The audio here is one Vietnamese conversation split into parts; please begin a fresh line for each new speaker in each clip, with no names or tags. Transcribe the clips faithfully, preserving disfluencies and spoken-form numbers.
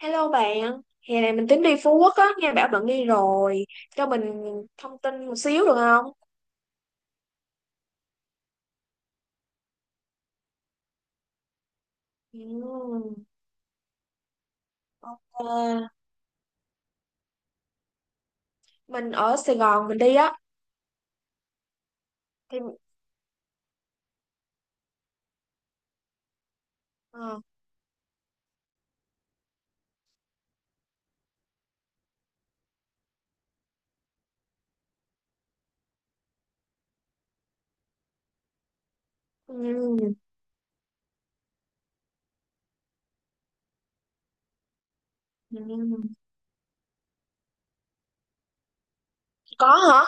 Hello bạn, hè này mình tính đi Phú Quốc á, nghe bảo bạn đi rồi, cho mình thông tin một xíu được không? Ừm, ok. Mình ở Sài Gòn mình đi á, thì ờ, ừm, ừm. có hả?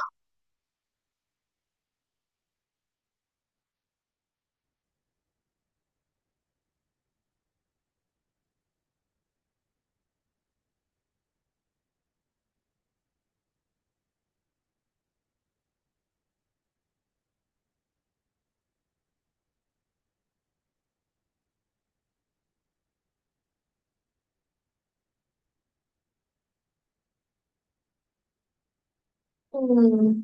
Ừm.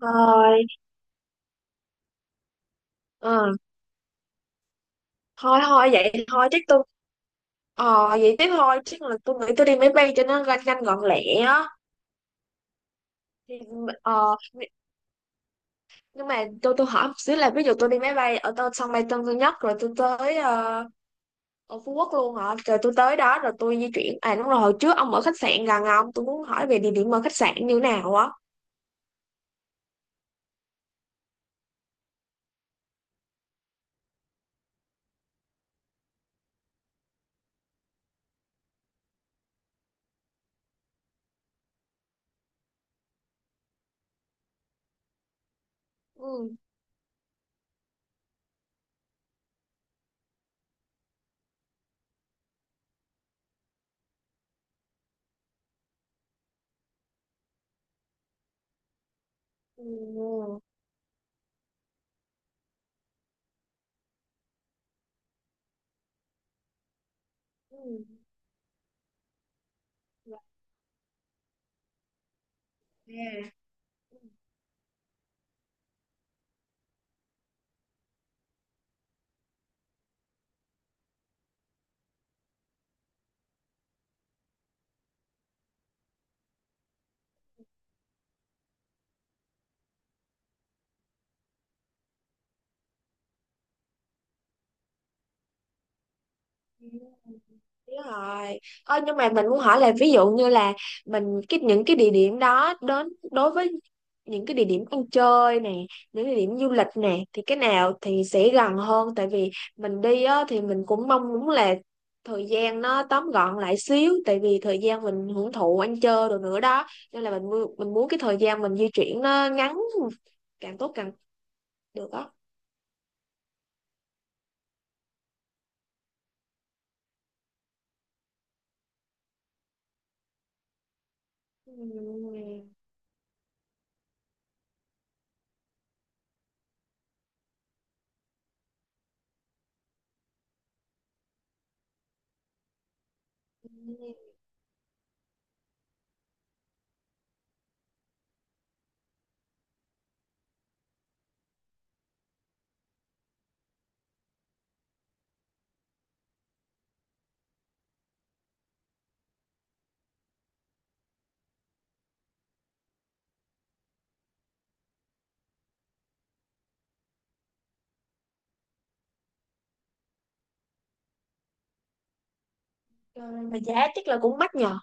Rồi. Ờ, thôi thôi vậy thôi chứ tôi, ờ vậy tiếp thôi, chứ là tôi nghĩ tôi đi máy bay cho nó nhanh nhanh gọn lẹ á. Thì, ờ, nhưng mà tôi tôi hỏi một xíu là ví dụ tôi đi máy bay ở tôi sân bay Tân Sơn Nhất rồi tôi tới ờ, ở Phú Quốc luôn hả, rồi tôi tới đó rồi tôi di chuyển, à đúng rồi, hồi trước ông ở khách sạn gần, ông tôi muốn hỏi về địa điểm ở khách sạn như thế nào á. Ừ. Ừ. Ừ. Ừ. Ừ. Đúng rồi. Ờ, nhưng mà mình muốn hỏi là ví dụ như là mình cái những cái địa điểm đó đến đối với những cái địa điểm ăn chơi nè, những địa điểm du lịch nè thì cái nào thì sẽ gần hơn, tại vì mình đi á, thì mình cũng mong muốn là thời gian nó tóm gọn lại xíu, tại vì thời gian mình hưởng thụ ăn chơi rồi nữa đó, nên là mình mu- mình muốn cái thời gian mình di chuyển nó ngắn càng tốt càng được đó. Ừm. Mà giá chắc là cũng mắc nhờ.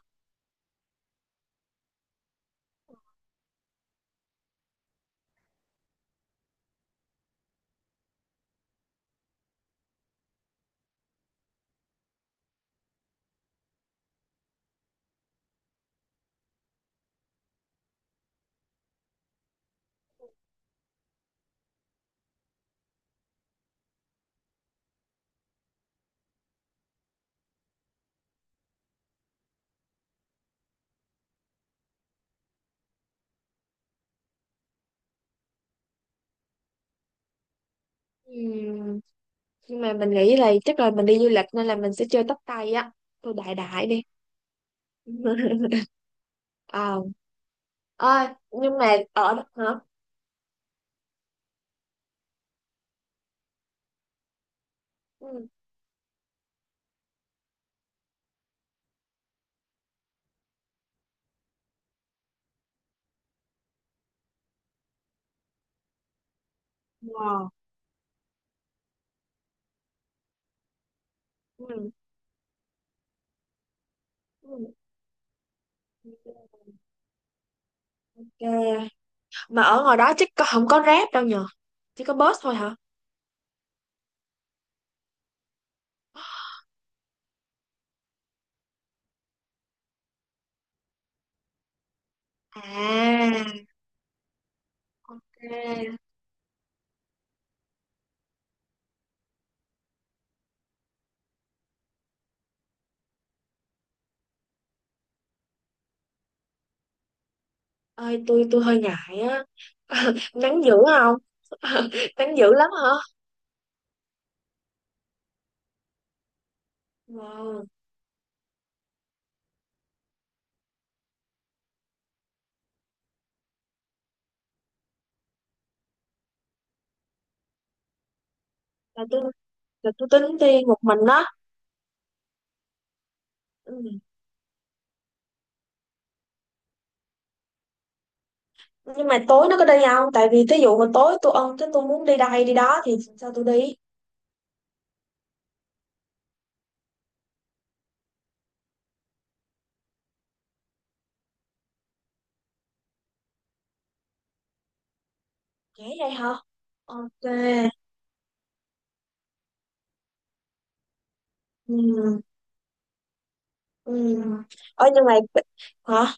Ừm. Nhưng mà mình nghĩ là chắc là mình đi du lịch nên là mình sẽ chơi tóc tay á, tôi đại đại đi ờ ơi nhưng mà ở đó hả. Ừ. Wow. Ừ. Ừ. Ừ. Ok. Mà ở ngoài đó chắc có- không có rap đâu nhờ, chỉ có bus thôi hả. À, ok. Ơi tôi tôi hơi ngại á. Nắng dữ không? Nắng dữ lắm hả? Wow. là tôi là tôi tính đi một mình đó. Ừ. Nhưng mà tối nó có đi không, tại vì thí dụ mà tối tôi ân cái tôi muốn đi đây đi đó thì sao tôi đi? Dễ vậy hả? Ok. Ừ. Ừ. Ở nhưng mà, hả?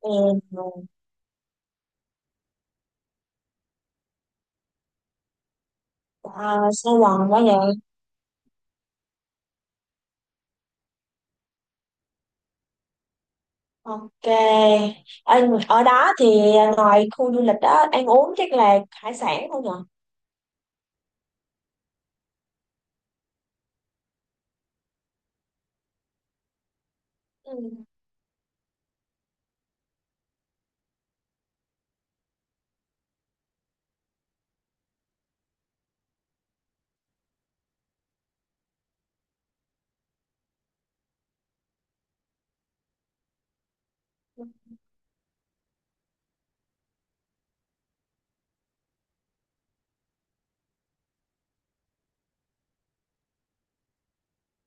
Ừ. À, sao quần quá vậy. Ok. Ở, ở đó thì ngoài khu du lịch đó ăn uống chắc là hải sản không nhỉ? Ừ.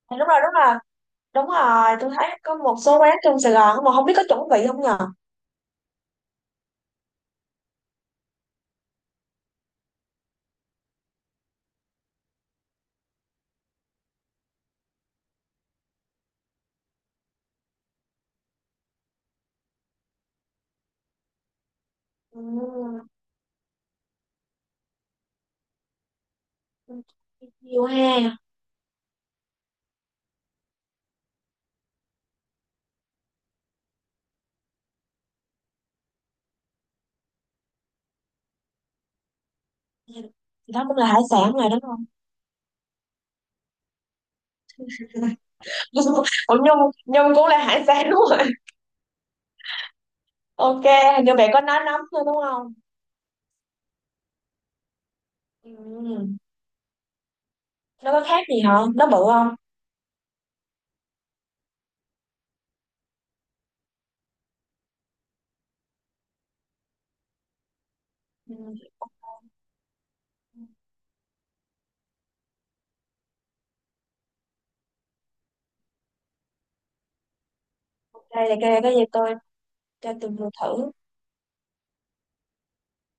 À, đúng rồi, đúng rồi, đúng rồi, tôi thấy có một số quán trong Sài Gòn mà không biết có chuẩn bị không nhờ. Ừ. Ừ. Nhiều ha. Thì đó cũng là hải sản rồi đúng không? Ủa Nhung, Nhung cũng là hải sản đúng rồi. Ok, hình như bạn có nói nấm thôi đúng không? Ừ. Nó có khác gì hả? Nó bự không? Ừ. Ok, để cái cái gì tôi cho tôi vừa thử.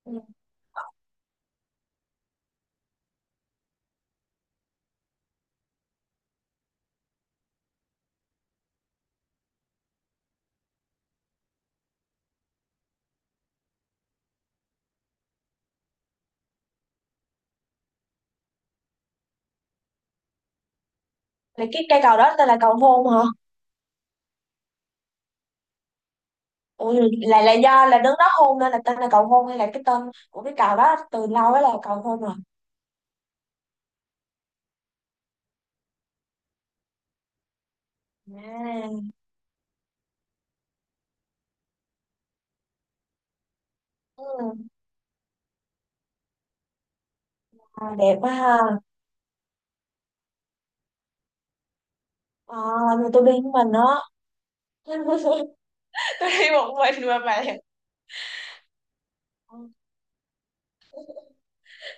Ừ. Là cái cây cầu đó tên là cầu hôn hả? Ừ, là là do là đứng đó hôn nên là tên là cầu hôn, hay là cái tên của cái cầu đó từ lâu ấy là cầu hôn rồi. À, ừ. À, đẹp quá ha. À, mà tôi đi với mình đó. Tôi đi một mình mà bạn. Ừ.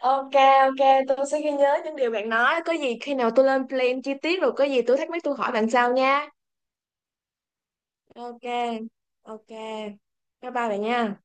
Ok, ok, tôi sẽ ghi nhớ những điều bạn nói. Có gì khi nào tôi lên plan chi tiết rồi có gì tôi thắc mắc tôi hỏi bạn sau nha. Ok, ok. Bye bye bạn nha.